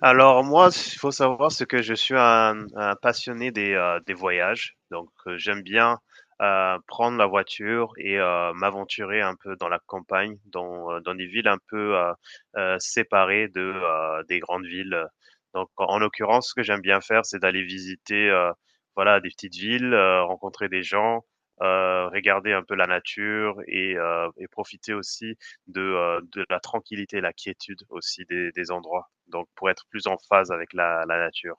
Alors moi, il faut savoir c'est que je suis un passionné des voyages, donc j'aime bien prendre la voiture et m'aventurer un peu dans la campagne, dans des villes un peu séparées des grandes villes. Donc en l'occurrence, ce que j'aime bien faire, c'est d'aller visiter voilà, des petites villes, rencontrer des gens, regarder un peu la nature et et profiter aussi de la tranquillité et la quiétude aussi des endroits donc pour être plus en phase avec la nature.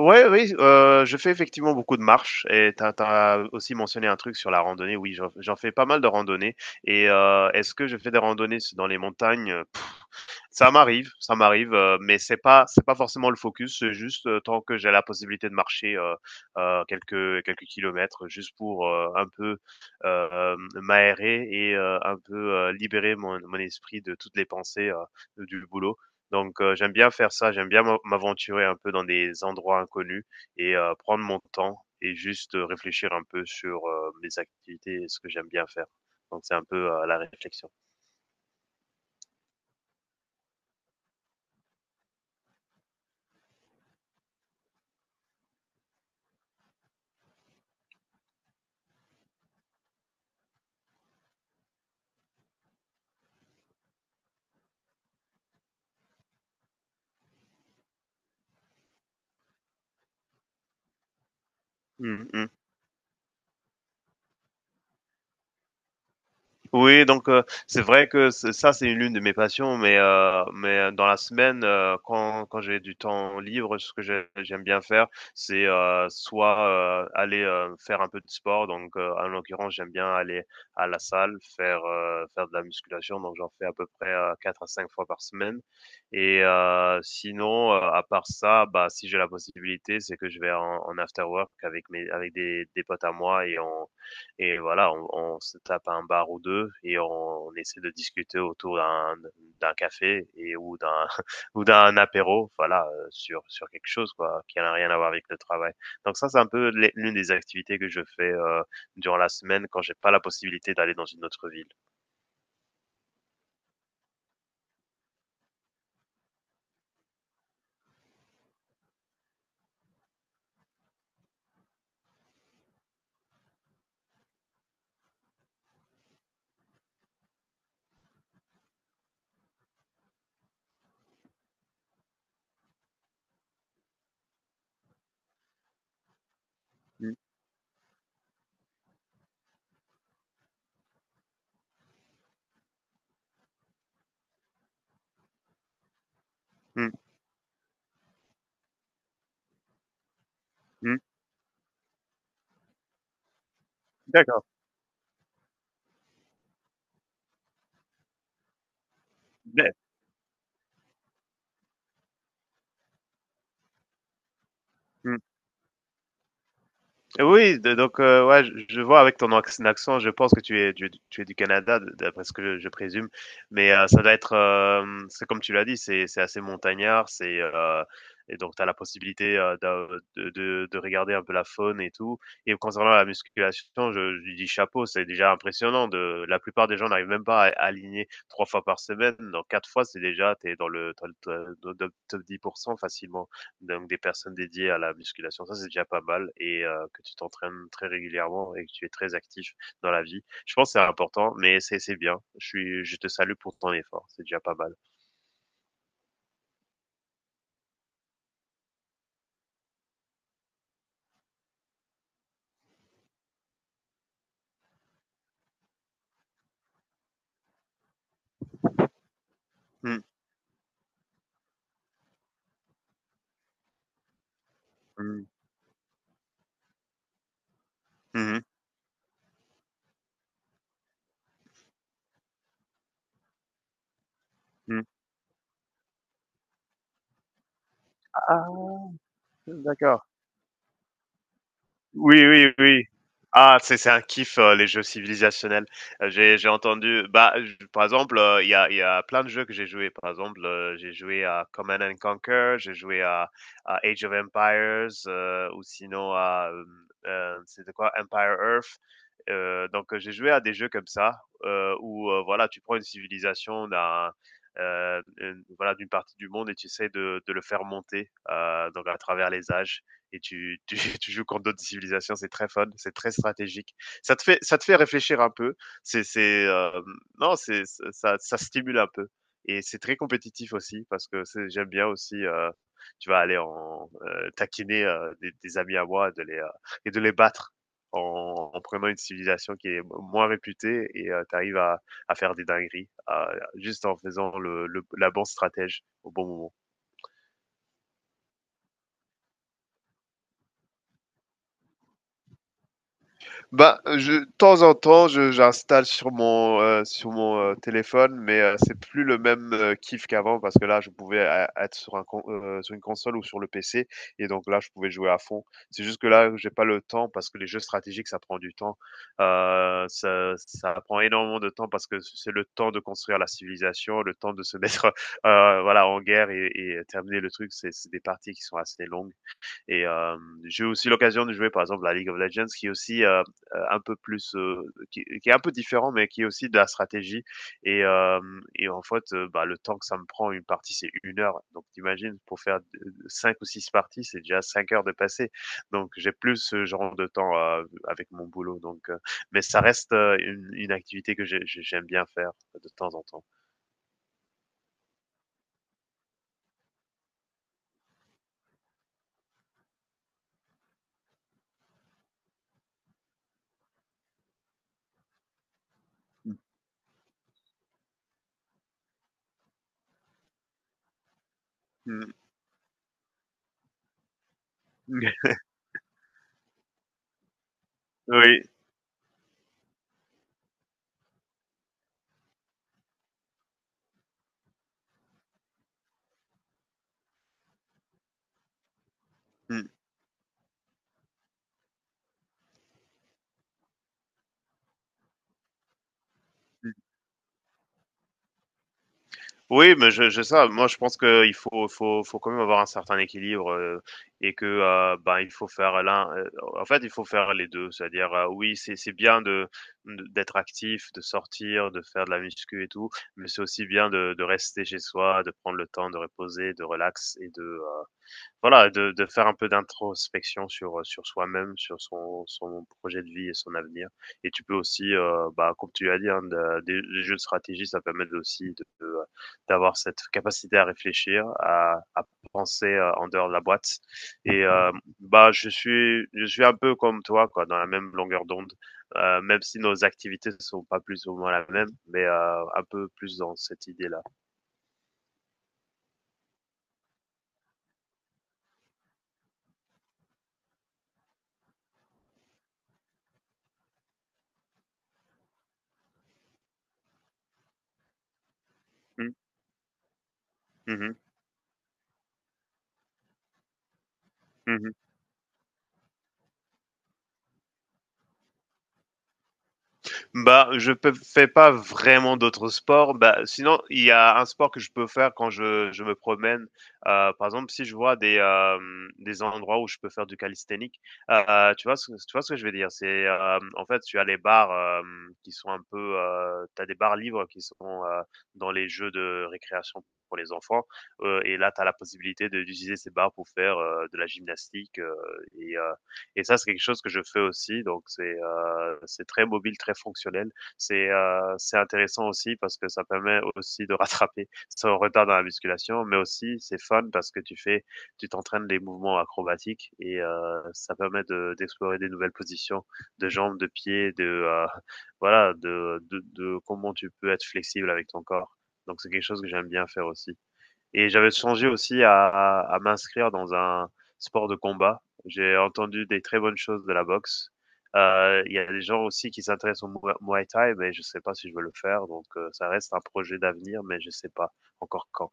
Oui, oui, je fais effectivement beaucoup de marches et tu as, aussi mentionné un truc sur la randonnée. Oui, j'en fais pas mal de randonnées. Et est-ce que je fais des randonnées dans les montagnes? Ça m'arrive, mais c'est pas forcément le focus, c'est juste, tant que j'ai la possibilité de marcher, quelques kilomètres juste pour, un peu, m'aérer et un peu, libérer mon esprit de toutes les pensées, du boulot. Donc j'aime bien faire ça, j'aime bien m'aventurer un peu dans des endroits inconnus et prendre mon temps et juste, réfléchir un peu sur, mes activités et ce que j'aime bien faire. Donc c'est un peu, la réflexion. Mmh. Oui, donc c'est vrai que c ça, c'est l'une de mes passions, mais dans la semaine, quand j'ai du temps libre, ce que j'aime bien faire, c'est, soit, aller, faire un peu de sport, donc en l'occurrence, j'aime bien aller à la salle, faire, faire de la musculation, donc j'en fais à peu près, 4 fois par semaine à 5 fois par semaine et sinon, à part ça, bah, si j'ai la possibilité, c'est que je vais en after work avec mes avec des potes à moi et voilà, on se tape à un bar ou deux et on essaie de discuter autour d'un café et ou d'un ou d'un apéro, voilà, sur quelque chose quoi, qui n'a rien à voir avec le travail. Donc ça, c'est un peu l'une des activités que je fais durant la semaine quand j'ai pas la possibilité d'aller dans une autre ville. Mm, mm, mm. D'accord. Mais, mm. Oui, donc ouais, je vois avec ton accent, je pense que tu es du Canada, d'après ce que je présume. Mais ça doit être, c'est comme tu l'as dit, c'est assez montagnard, c'est et donc tu as la possibilité de regarder un peu la faune et tout. Et concernant la musculation, je dis chapeau, c'est déjà impressionnant. De la plupart des gens n'arrivent même pas à aligner 3 fois par semaine. Donc 4 fois, c'est déjà t'es dans dans le top 10% facilement donc des personnes dédiées à la musculation. Ça, c'est déjà pas mal et que tu t'entraînes très régulièrement et que tu es très actif dans la vie. Je pense que c'est important, mais c'est bien. Je te salue pour ton effort, c'est déjà pas mal. Mmh. Mmh. Mmh. Mmh. Ah! D'accord. Oui, oui, oui. Ah, c'est un kiff, les jeux civilisationnels. J'ai entendu bah, j par exemple, il y a plein de jeux que j'ai joué. Par exemple, j'ai joué à Command and Conquer, j'ai joué à Age of Empires, ou sinon à, c'était quoi? Empire Earth. Donc j'ai joué à des jeux comme ça, où, voilà, tu prends une civilisation une voilà, d'une partie du monde et tu essaies de le faire monter, donc à travers les âges et tu joues contre d'autres civilisations. C'est très fun, c'est très stratégique. Ça te fait réfléchir un peu. C'est, c'est, euh, non, ça stimule un peu. Et c'est très compétitif aussi parce que j'aime bien aussi. Tu vas aller en taquiner des amis à moi et de les battre en prenant une civilisation qui est moins réputée et tu arrives à faire des dingueries juste en faisant la bonne stratège au bon moment. Bah, je de temps en temps, je j'installe sur mon téléphone, mais, c'est plus le même, kiff qu'avant parce que là, je pouvais ê être sur une console ou sur le PC et donc là, je pouvais jouer à fond. C'est juste que là, j'ai pas le temps parce que les jeux stratégiques, ça prend du temps. Ça prend énormément de temps parce que c'est le temps de construire la civilisation, le temps de se mettre, voilà, en guerre et terminer le truc. C'est des parties qui sont assez longues. Et j'ai eu aussi l'occasion de jouer par exemple la League of Legends qui est aussi un peu plus qui est un peu différent mais qui est aussi de la stratégie et euh, et en fait bah, le temps que ça me prend une partie c'est 1 heure donc t'imagines pour faire 5 ou 6 parties c'est déjà 5 heures de passé donc j'ai plus ce genre de temps avec mon boulot donc mais ça reste une activité que j'aime bien faire de temps en temps. Mm. Oui. Mm. Oui, mais je ça. Moi, je pense qu'il faut quand même avoir un certain équilibre et que ben, il faut faire l'un. En fait, il faut faire les deux. C'est-à-dire, oui, c'est bien de d'être actif, de sortir, de faire de la muscu et tout, mais c'est aussi bien de rester chez soi, de prendre le temps de reposer, de relax et de voilà, de faire un peu d'introspection sur, sur soi-même, sur son projet de vie et son avenir et tu peux aussi, bah, comme tu l'as dit, hein, de des les jeux de stratégie, ça permet de aussi d'avoir cette capacité à réfléchir, à penser, en dehors de la boîte et bah, je suis un peu comme toi, quoi, dans la même longueur d'onde, même si nos activités ne sont pas plus ou moins la même, mais un peu plus dans cette idée-là. Mmh. Mmh mh. Mmh. Bah, fais pas vraiment d'autres sports. Bah, sinon, il y a un sport que je peux faire quand je me promène. Par exemple, si je vois des endroits où je peux faire du calisthénique, tu vois tu vois ce que je veux dire? C'est, en fait, tu as les bars qui sont un peu, tu des bars libres qui sont dans les jeux de récréation pour les enfants. Et là, tu as la possibilité d'utiliser ces bars pour faire de la gymnastique et euh, et ça, c'est quelque chose que je fais aussi. Donc, c'est très mobile, très fonctionnel. C'est intéressant aussi parce que ça permet aussi de rattraper son retard dans la musculation, mais aussi c'est fun parce que tu fais, tu t'entraînes des mouvements acrobatiques et ça permet de d'explorer des nouvelles positions de jambes, de pieds, de voilà, de comment tu peux être flexible avec ton corps. Donc c'est quelque chose que j'aime bien faire aussi. Et j'avais songé aussi à m'inscrire dans un sport de combat. J'ai entendu des très bonnes choses de la boxe. Il y a des gens aussi qui s'intéressent au Muay Thai, mais je sais pas si je veux le faire, donc ça reste un projet d'avenir, mais je sais pas encore quand.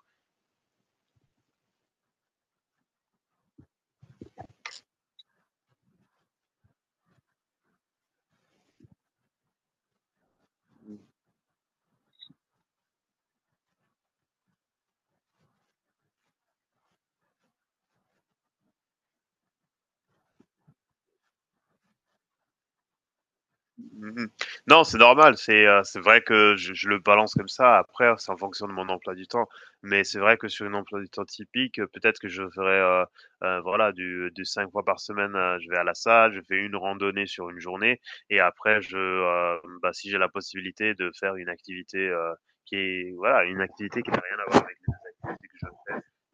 Mmh. Non, c'est normal, c'est vrai que je le balance comme ça. Après, c'est en fonction de mon emploi du temps. Mais c'est vrai que sur une emploi du temps typique, peut-être que je ferai voilà du 5 fois par semaine, je vais à la salle, je fais une randonnée sur une journée et après je, bah, si j'ai la possibilité de faire une activité, qui est voilà, une activité qui n'a rien à voir avec l'activité que je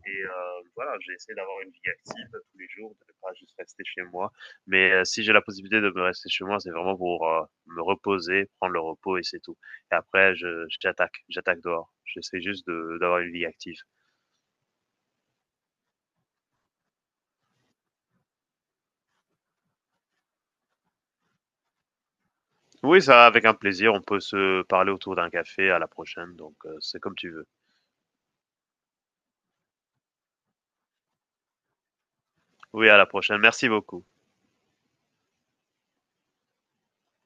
et voilà, j'ai essayé d'avoir une vie active tous les jours, de ne pas juste rester chez moi. Mais si j'ai la possibilité de me rester chez moi, c'est vraiment pour me reposer, prendre le repos et c'est tout. Et après, j'attaque dehors. J'essaie juste d'avoir une vie active. Oui, ça, avec un plaisir. On peut se parler autour d'un café à la prochaine. Donc, c'est comme tu veux. Oui, à la prochaine. Merci beaucoup.